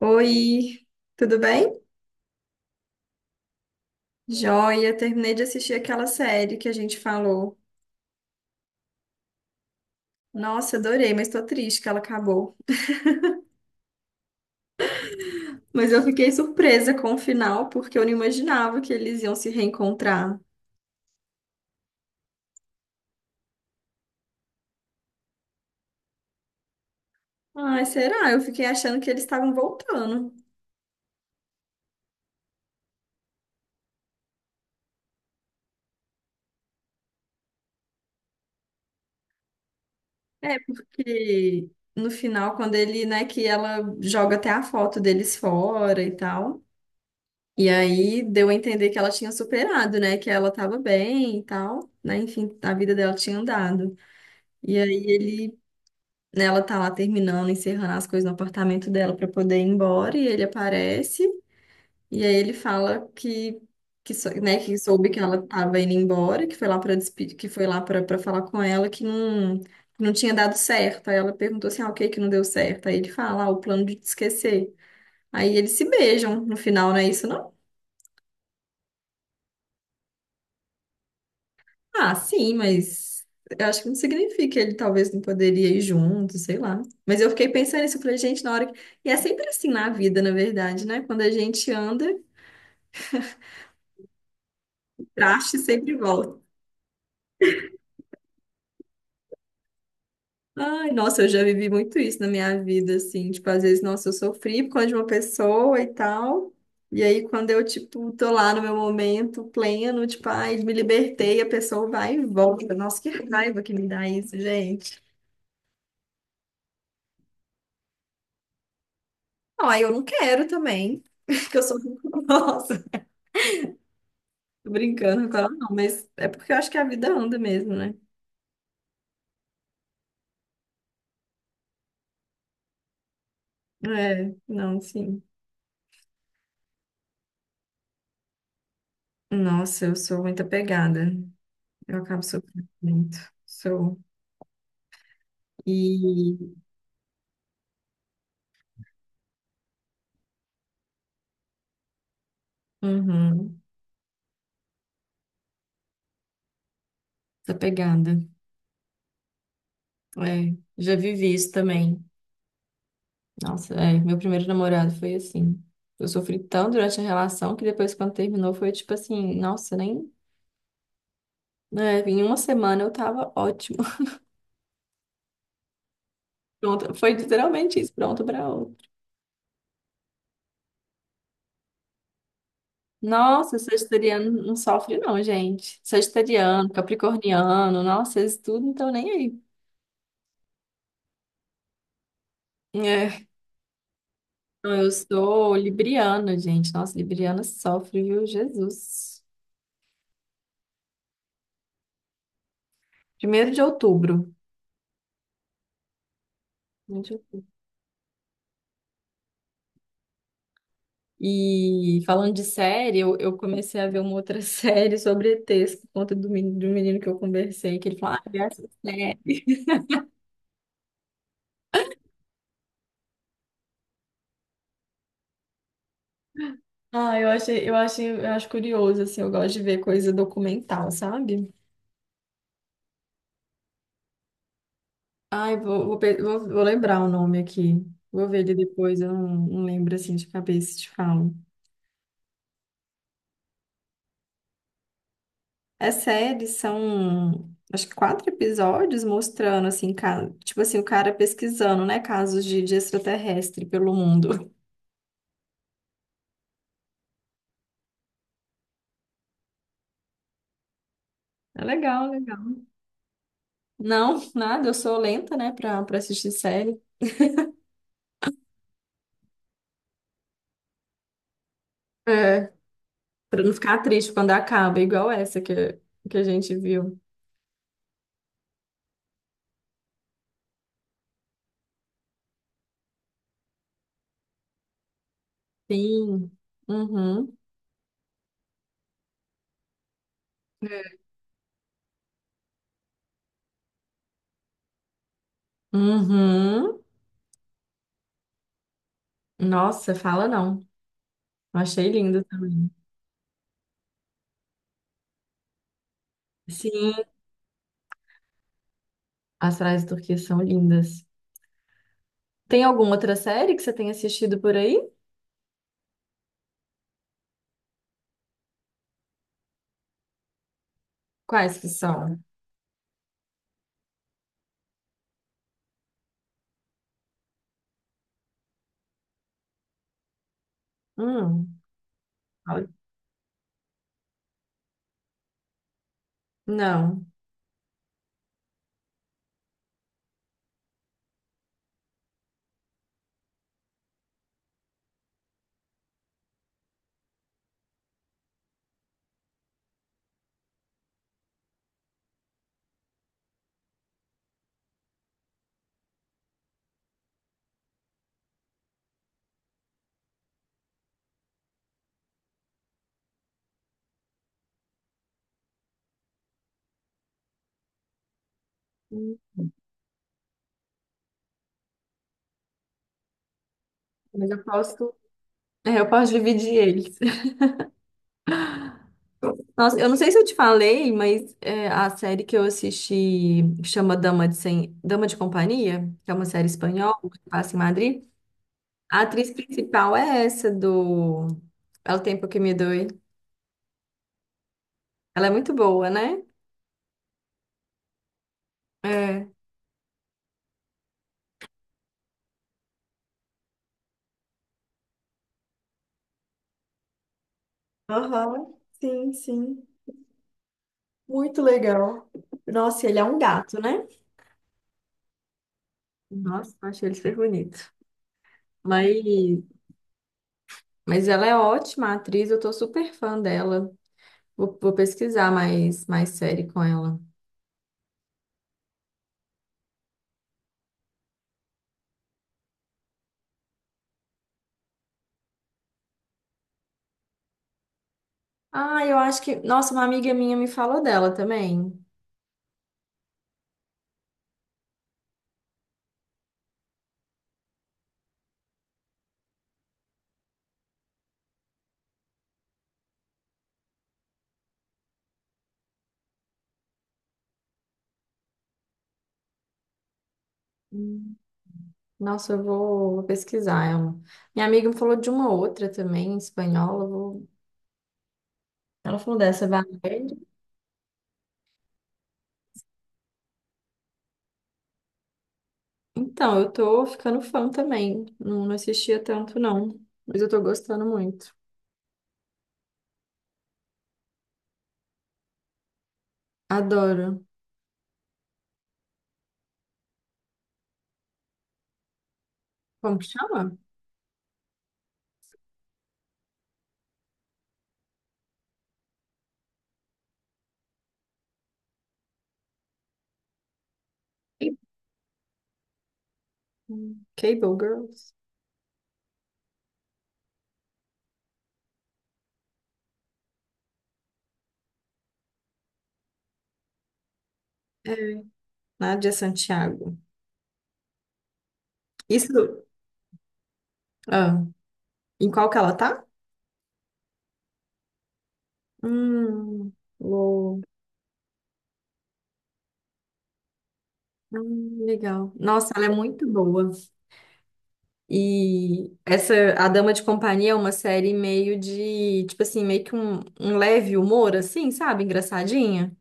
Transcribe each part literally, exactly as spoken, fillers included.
Oi, tudo bem? Joia, terminei de assistir aquela série que a gente falou. Nossa, adorei, mas tô triste que ela acabou. Mas eu fiquei surpresa com o final, porque eu não imaginava que eles iam se reencontrar. Ai, será? Eu fiquei achando que eles estavam voltando. É, porque no final, quando ele, né, que ela joga até a foto deles fora e tal. E aí deu a entender que ela tinha superado, né? Que ela tava bem e tal, né? Enfim, a vida dela tinha andado. E aí ele né, ela tá lá terminando, encerrando as coisas no apartamento dela para poder ir embora e ele aparece e aí ele fala que que, sou- né, que soube que ela tava indo embora, que foi lá para despedir, que foi lá para falar com ela que não que não tinha dado certo. Aí ela perguntou assim: "Ah, o que que não deu certo?" Aí ele fala: "Ah, o plano de te esquecer". Aí eles se beijam no final, não é isso? Ah, sim, mas eu acho que não significa que ele talvez não poderia ir junto, sei lá. Mas eu fiquei pensando nisso, eu falei, gente, na hora que... E é sempre assim na vida, na verdade, né? Quando a gente anda, o traste sempre volta. Ai, nossa, eu já vivi muito isso na minha vida, assim. Tipo, às vezes, nossa, eu sofri por causa de uma pessoa e tal. E aí, quando eu, tipo, tô lá no meu momento pleno, tipo, ai, me libertei, a pessoa vai e volta. Nossa, que raiva que me dá isso, gente. Não, aí eu não quero também, porque eu sou muito nossa. Tô brincando, claro, não, mas é porque eu acho que a vida anda mesmo, né? É, não, sim. Nossa, eu sou muito apegada. Eu acabo sofrendo muito. Sou. E. Uhum, apegada. É, já vivi isso também. Nossa, é, meu primeiro namorado foi assim. Eu sofri tão durante a relação que depois, quando terminou, foi tipo assim: nossa, nem. É, em uma semana eu tava ótimo. Pronto, foi literalmente isso, pronto pra outra. Nossa, sagitariano não sofre não, gente. Sagitariano, capricorniano, nossa, eles tudo não estão nem aí. É, não, eu sou libriana, gente. Nossa, libriana sofre, viu? Jesus. Primeiro de outubro. Primeiro de outubro. E falando de série, eu, eu comecei a ver uma outra série sobre E Tês, por conta do, meni- do menino que eu conversei, que ele falou, ah, vê essa série. Ah, eu achei, eu achei, eu acho curioso, assim, eu gosto de ver coisa documental, sabe? Ai, vou, vou, pe- vou, vou lembrar o nome aqui. Vou ver ele depois, eu não, não lembro assim de cabeça, te falo. É série, são acho que quatro episódios mostrando, assim, ca- tipo assim, o cara pesquisando, né, casos de, de extraterrestre pelo mundo. É legal, legal. Não, nada, eu sou lenta, né, pra, pra assistir série. É. Pra não ficar triste quando acaba, igual essa que, que a gente viu. Sim. Uhum. Uhum. Nossa, fala não. Eu achei lindo. Sim, as praias turquesas são lindas. Tem alguma outra série que você tenha assistido por aí? Quais que são? Hum, fala- não. Hum. Mas eu posso, é, eu posso dividir eles. Nossa, eu não sei se eu te falei, mas é, a série que eu assisti chama Dama de, Sem... Dama de Companhia, que é uma série espanhola que passa em Madrid. A atriz principal é essa do É o Tempo que Me Doe. Ela é muito boa, né? É. Aham, sim, sim. Muito legal. Nossa, ele é um gato, né? Nossa, achei ele super bonito. Mas, mas ela é ótima atriz, eu tô super fã dela. Vou, vou pesquisar mais, mais série com ela. Ah, eu acho que. Nossa, uma amiga minha me falou dela também. Hum. Nossa, eu vou, vou pesquisar ela. Minha amiga me falou de uma outra também, em espanhola. Eu vou- Ela falou dessa, Valéria. Então, eu tô ficando fã também. Não, não assistia tanto, não. Mas eu tô gostando muito. Adoro. Como que chama? Cable Girls. É, Nádia Santiago. Isso. Ah, em qual que ela tá? Hum, uou. Hum, legal. Nossa, ela é muito boa. E essa A Dama de Companhia é uma série meio de, tipo assim, meio que um, um leve humor, assim, sabe? Engraçadinha.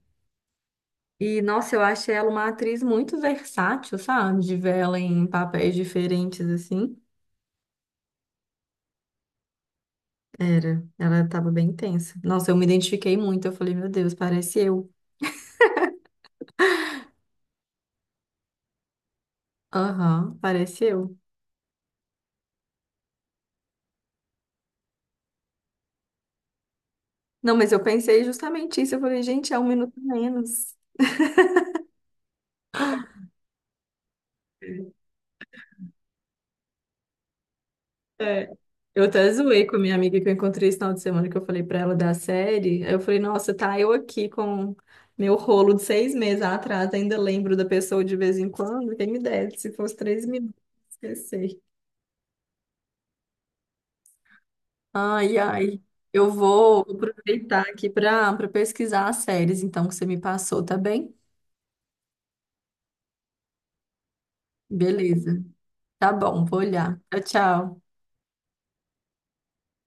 E, nossa, eu acho ela uma atriz muito versátil, sabe? De ver ela em papéis diferentes, assim. Era, ela tava bem tensa. Nossa, eu me identifiquei muito. Eu falei, meu Deus, parece eu. Aham, parece eu. Não, mas eu pensei justamente isso. Eu falei, gente, é um minuto a menos. É. Eu até zoei com a minha amiga que eu encontrei esse final de semana, que eu falei pra ela da série. Aí eu falei, nossa, tá eu aqui com meu rolo de seis meses atrás, ainda lembro da pessoa de vez em quando. Quem me dera, se fosse três minutos, esqueci. Ai, ai. Eu vou aproveitar aqui para para pesquisar as séries, então, que você me passou, tá bem? Beleza. Tá bom, vou olhar. Tchau, tchau.